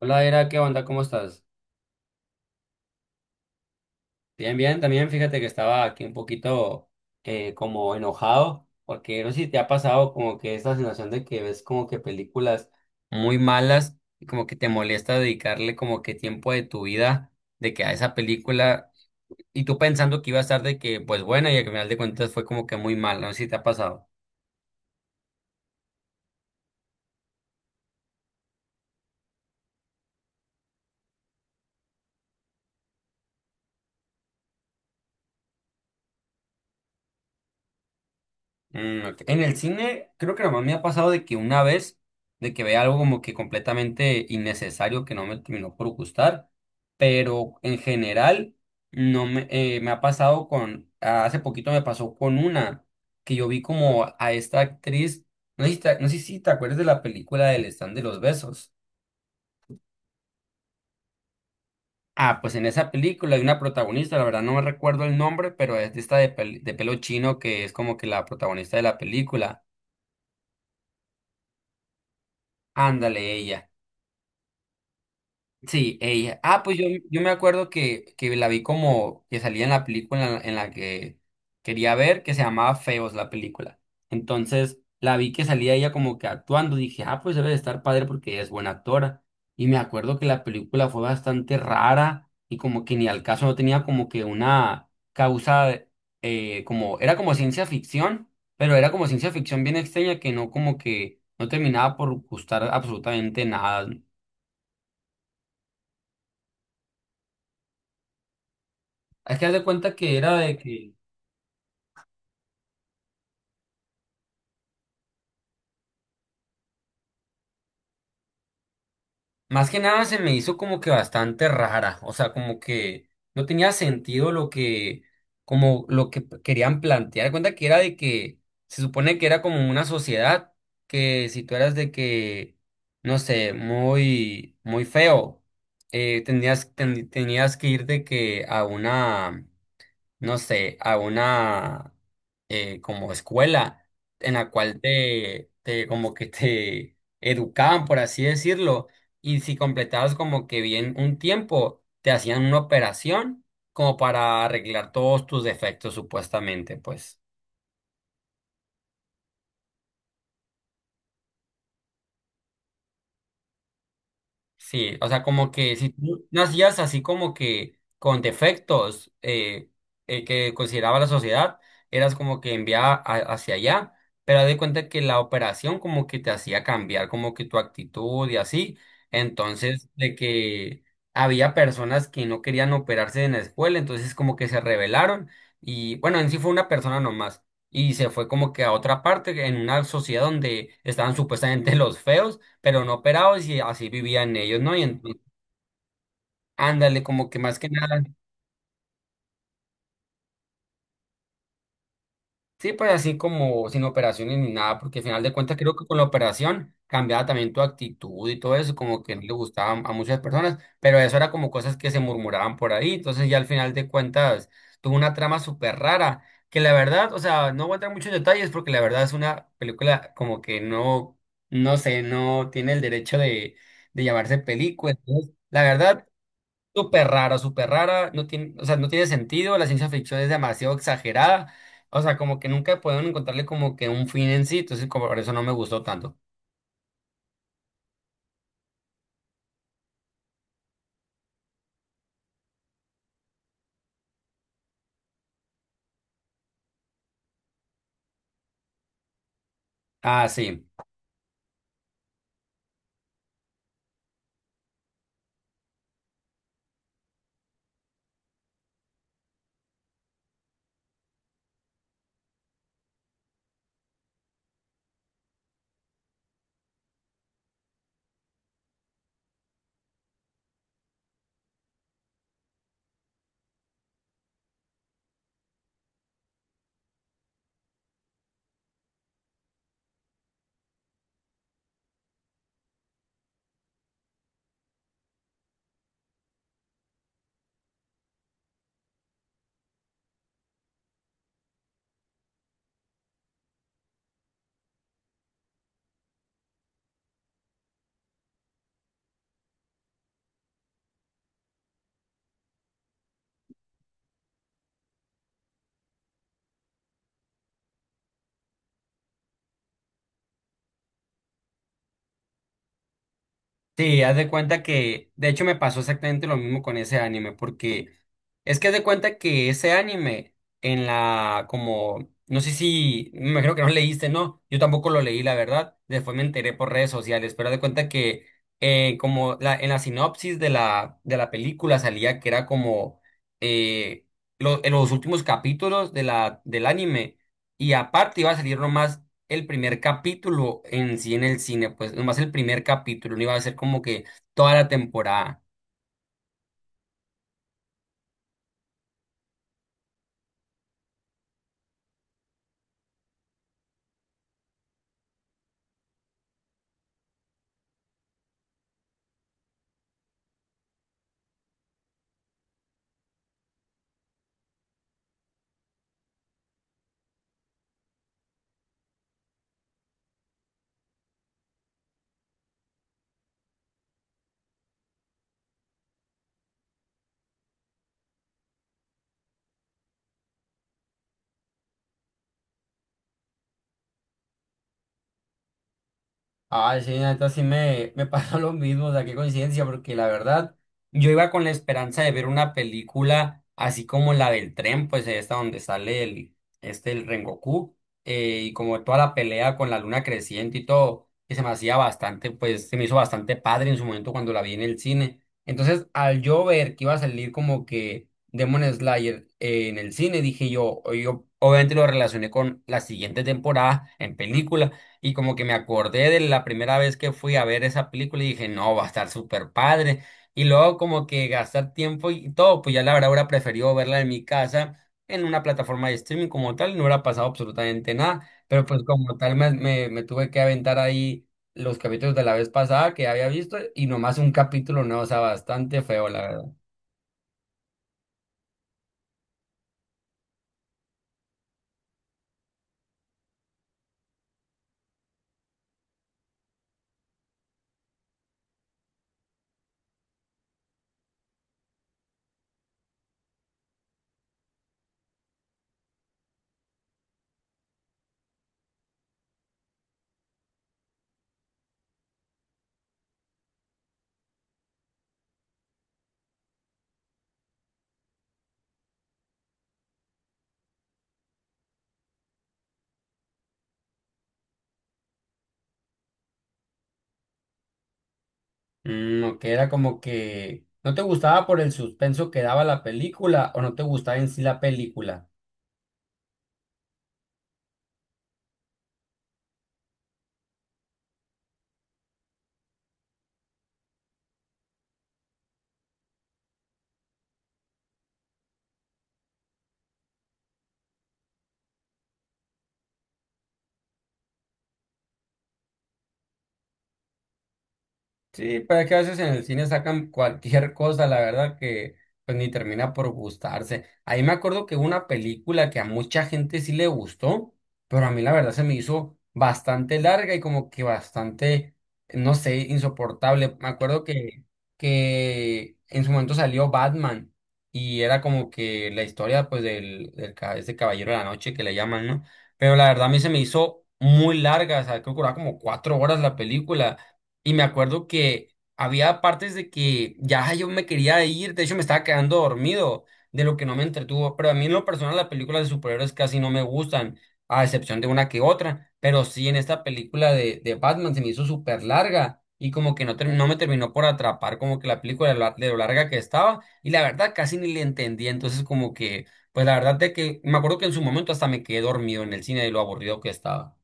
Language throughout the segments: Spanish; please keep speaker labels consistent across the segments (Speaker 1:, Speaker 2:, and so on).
Speaker 1: Hola, Era, ¿qué onda? ¿Cómo estás? Bien, bien, también fíjate que estaba aquí un poquito como enojado, porque no sé si te ha pasado como que esta sensación de que ves como que películas muy malas y como que te molesta dedicarle como que tiempo de tu vida de que a esa película y tú pensando que iba a estar de que pues buena y al final de cuentas fue como que muy mala, no sé si te ha pasado. Ok. En el cine, creo que nomás me ha pasado de que una vez, de que veía algo como que completamente innecesario que no me terminó por gustar, pero en general no me, me ha pasado con, ah, hace poquito me pasó con una que yo vi como a esta actriz, no sé si te acuerdas de la película del Stand de los Besos. Ah, pues en esa película hay una protagonista, la verdad no me recuerdo el nombre, pero es de esta de, de pelo chino que es como que la protagonista de la película. Ándale ella. Sí, ella. Ah, yo me acuerdo que la vi como que salía en la película en la que quería ver, que se llamaba Feos la película. Entonces la vi que salía ella como que actuando. Dije, ah, pues debe de estar padre porque ella es buena actora. Y me acuerdo que la película fue bastante rara y como que ni al caso no tenía como que una causa, era como ciencia ficción, pero era como ciencia ficción bien extraña que no como que no terminaba por gustar absolutamente nada. Hay que dar de cuenta que era de que, más que nada se me hizo como que bastante rara, o sea, como que no tenía sentido lo que, como lo que querían plantear. De cuenta que era de que se supone que era como una sociedad que si tú eras de que, no sé, muy, muy feo, tenías que ir de que a una no sé, a una como escuela en la cual te, te como que te educaban, por así decirlo, y si completabas como que bien un tiempo, te hacían una operación como para arreglar todos tus defectos, supuestamente, pues. Sí, o sea, como que si tú nacías así como que con defectos que consideraba la sociedad, eras como que enviada hacia allá, pero de cuenta que la operación como que te hacía cambiar como que tu actitud y así. Entonces, de que había personas que no querían operarse en la escuela, entonces como que se rebelaron y bueno, en sí fue una persona nomás y se fue como que a otra parte, en una sociedad donde estaban supuestamente los feos pero no operados y así vivían ellos, ¿no? Y entonces, ándale, como que más que nada, sí, pues así como sin operaciones ni nada, porque al final de cuentas creo que con la operación cambiaba también tu actitud y todo eso, como que no le gustaba a muchas personas, pero eso era como cosas que se murmuraban por ahí, entonces ya al final de cuentas tuvo una trama súper rara, que la verdad, o sea, no voy a entrar en muchos detalles porque la verdad es una película como que no, no sé, no tiene el derecho de llamarse película, entonces, la verdad... súper rara, no tiene, o sea, no tiene sentido, la ciencia ficción es demasiado exagerada, o sea, como que nunca pueden encontrarle como que un fin en sí, entonces como por eso no me gustó tanto. Ah, sí. Sí, haz de cuenta que, de hecho me pasó exactamente lo mismo con ese anime, porque es que haz de cuenta que ese anime en la, como, no sé si, me creo que no leíste, ¿no? Yo tampoco lo leí, la verdad, después me enteré por redes sociales, pero haz de cuenta que en la sinopsis de la película salía que era como eh, en los últimos capítulos de la, del anime, y aparte iba a salir nomás el primer capítulo en sí en el cine, pues nomás el primer capítulo, no iba a ser como que toda la temporada. Ay, sí, neta, sí me pasó lo mismo, o sea, qué coincidencia, porque la verdad, yo iba con la esperanza de ver una película así como la del tren, pues esta donde sale el, este, el Rengoku, y como toda la pelea con la luna creciente y todo, que se me hacía bastante, pues se me hizo bastante padre en su momento cuando la vi en el cine. Entonces, al yo ver que iba a salir como que Demon Slayer en el cine, dije yo, o yo obviamente lo relacioné con la siguiente temporada en película. Y como que me acordé de la primera vez que fui a ver esa película y dije, no, va a estar súper padre. Y luego como que gastar tiempo y todo, pues ya la verdad hubiera preferido verla en mi casa, en una plataforma de streaming como tal, y no hubiera pasado absolutamente nada. Pero pues como tal me, me, tuve que aventar ahí los capítulos de la vez pasada que había visto y nomás un capítulo nuevo, o sea, bastante feo, la verdad. Mm, que era como que no te gustaba por el suspenso que daba la película o no te gustaba en sí la película. Sí, pero es que a veces en el cine sacan cualquier cosa, la verdad que pues ni termina por gustarse. Ahí me acuerdo que hubo una película que a mucha gente sí le gustó, pero a mí la verdad se me hizo bastante larga y como que bastante, no sé, insoportable. Que en su momento salió Batman y era como que la historia pues del, ese Caballero de la Noche que le llaman, ¿no? Pero la verdad a mí se me hizo muy larga, o sea, creo que duraba como cuatro horas la película. Y me acuerdo que había partes de que ya yo me quería ir, de hecho me estaba quedando dormido de lo que no me entretuvo, pero a mí en lo personal las películas de superhéroes casi no me gustan, a excepción de una que otra, pero sí en esta película de Batman se me hizo súper larga y como que no, no me terminó por atrapar como que la película de lo larga que estaba y la verdad casi ni le entendí, entonces como que, pues la verdad de que me acuerdo que en su momento hasta me quedé dormido en el cine de lo aburrido que estaba.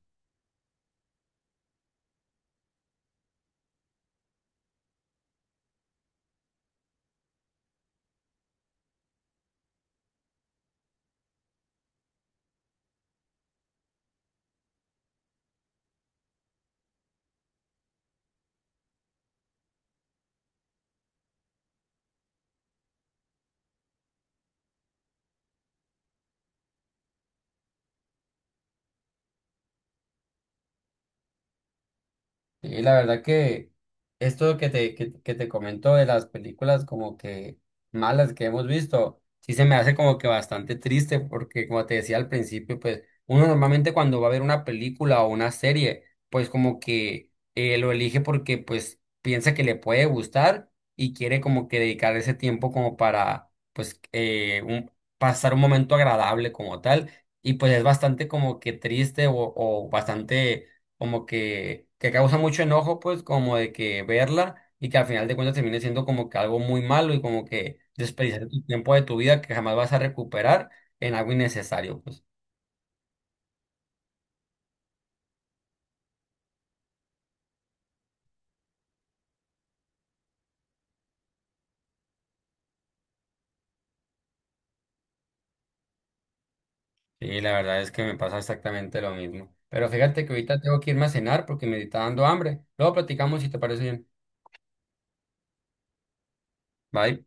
Speaker 1: Y la verdad que esto que te, que te comento de las películas como que malas que hemos visto, sí se me hace como que bastante triste porque como te decía al principio, pues uno normalmente cuando va a ver una película o una serie, pues como que lo elige porque pues piensa que le puede gustar y quiere como que dedicar ese tiempo como para pues pasar un momento agradable como tal. Y pues es bastante como que triste o bastante como que causa mucho enojo, pues, como de que verla y que al final de cuentas termine siendo como que algo muy malo y como que desperdiciar tu tiempo de tu vida que jamás vas a recuperar en algo innecesario, pues. Sí, la verdad es que me pasa exactamente lo mismo. Pero fíjate que ahorita tengo que irme a cenar porque me está dando hambre. Luego platicamos si te parece bien. Bye.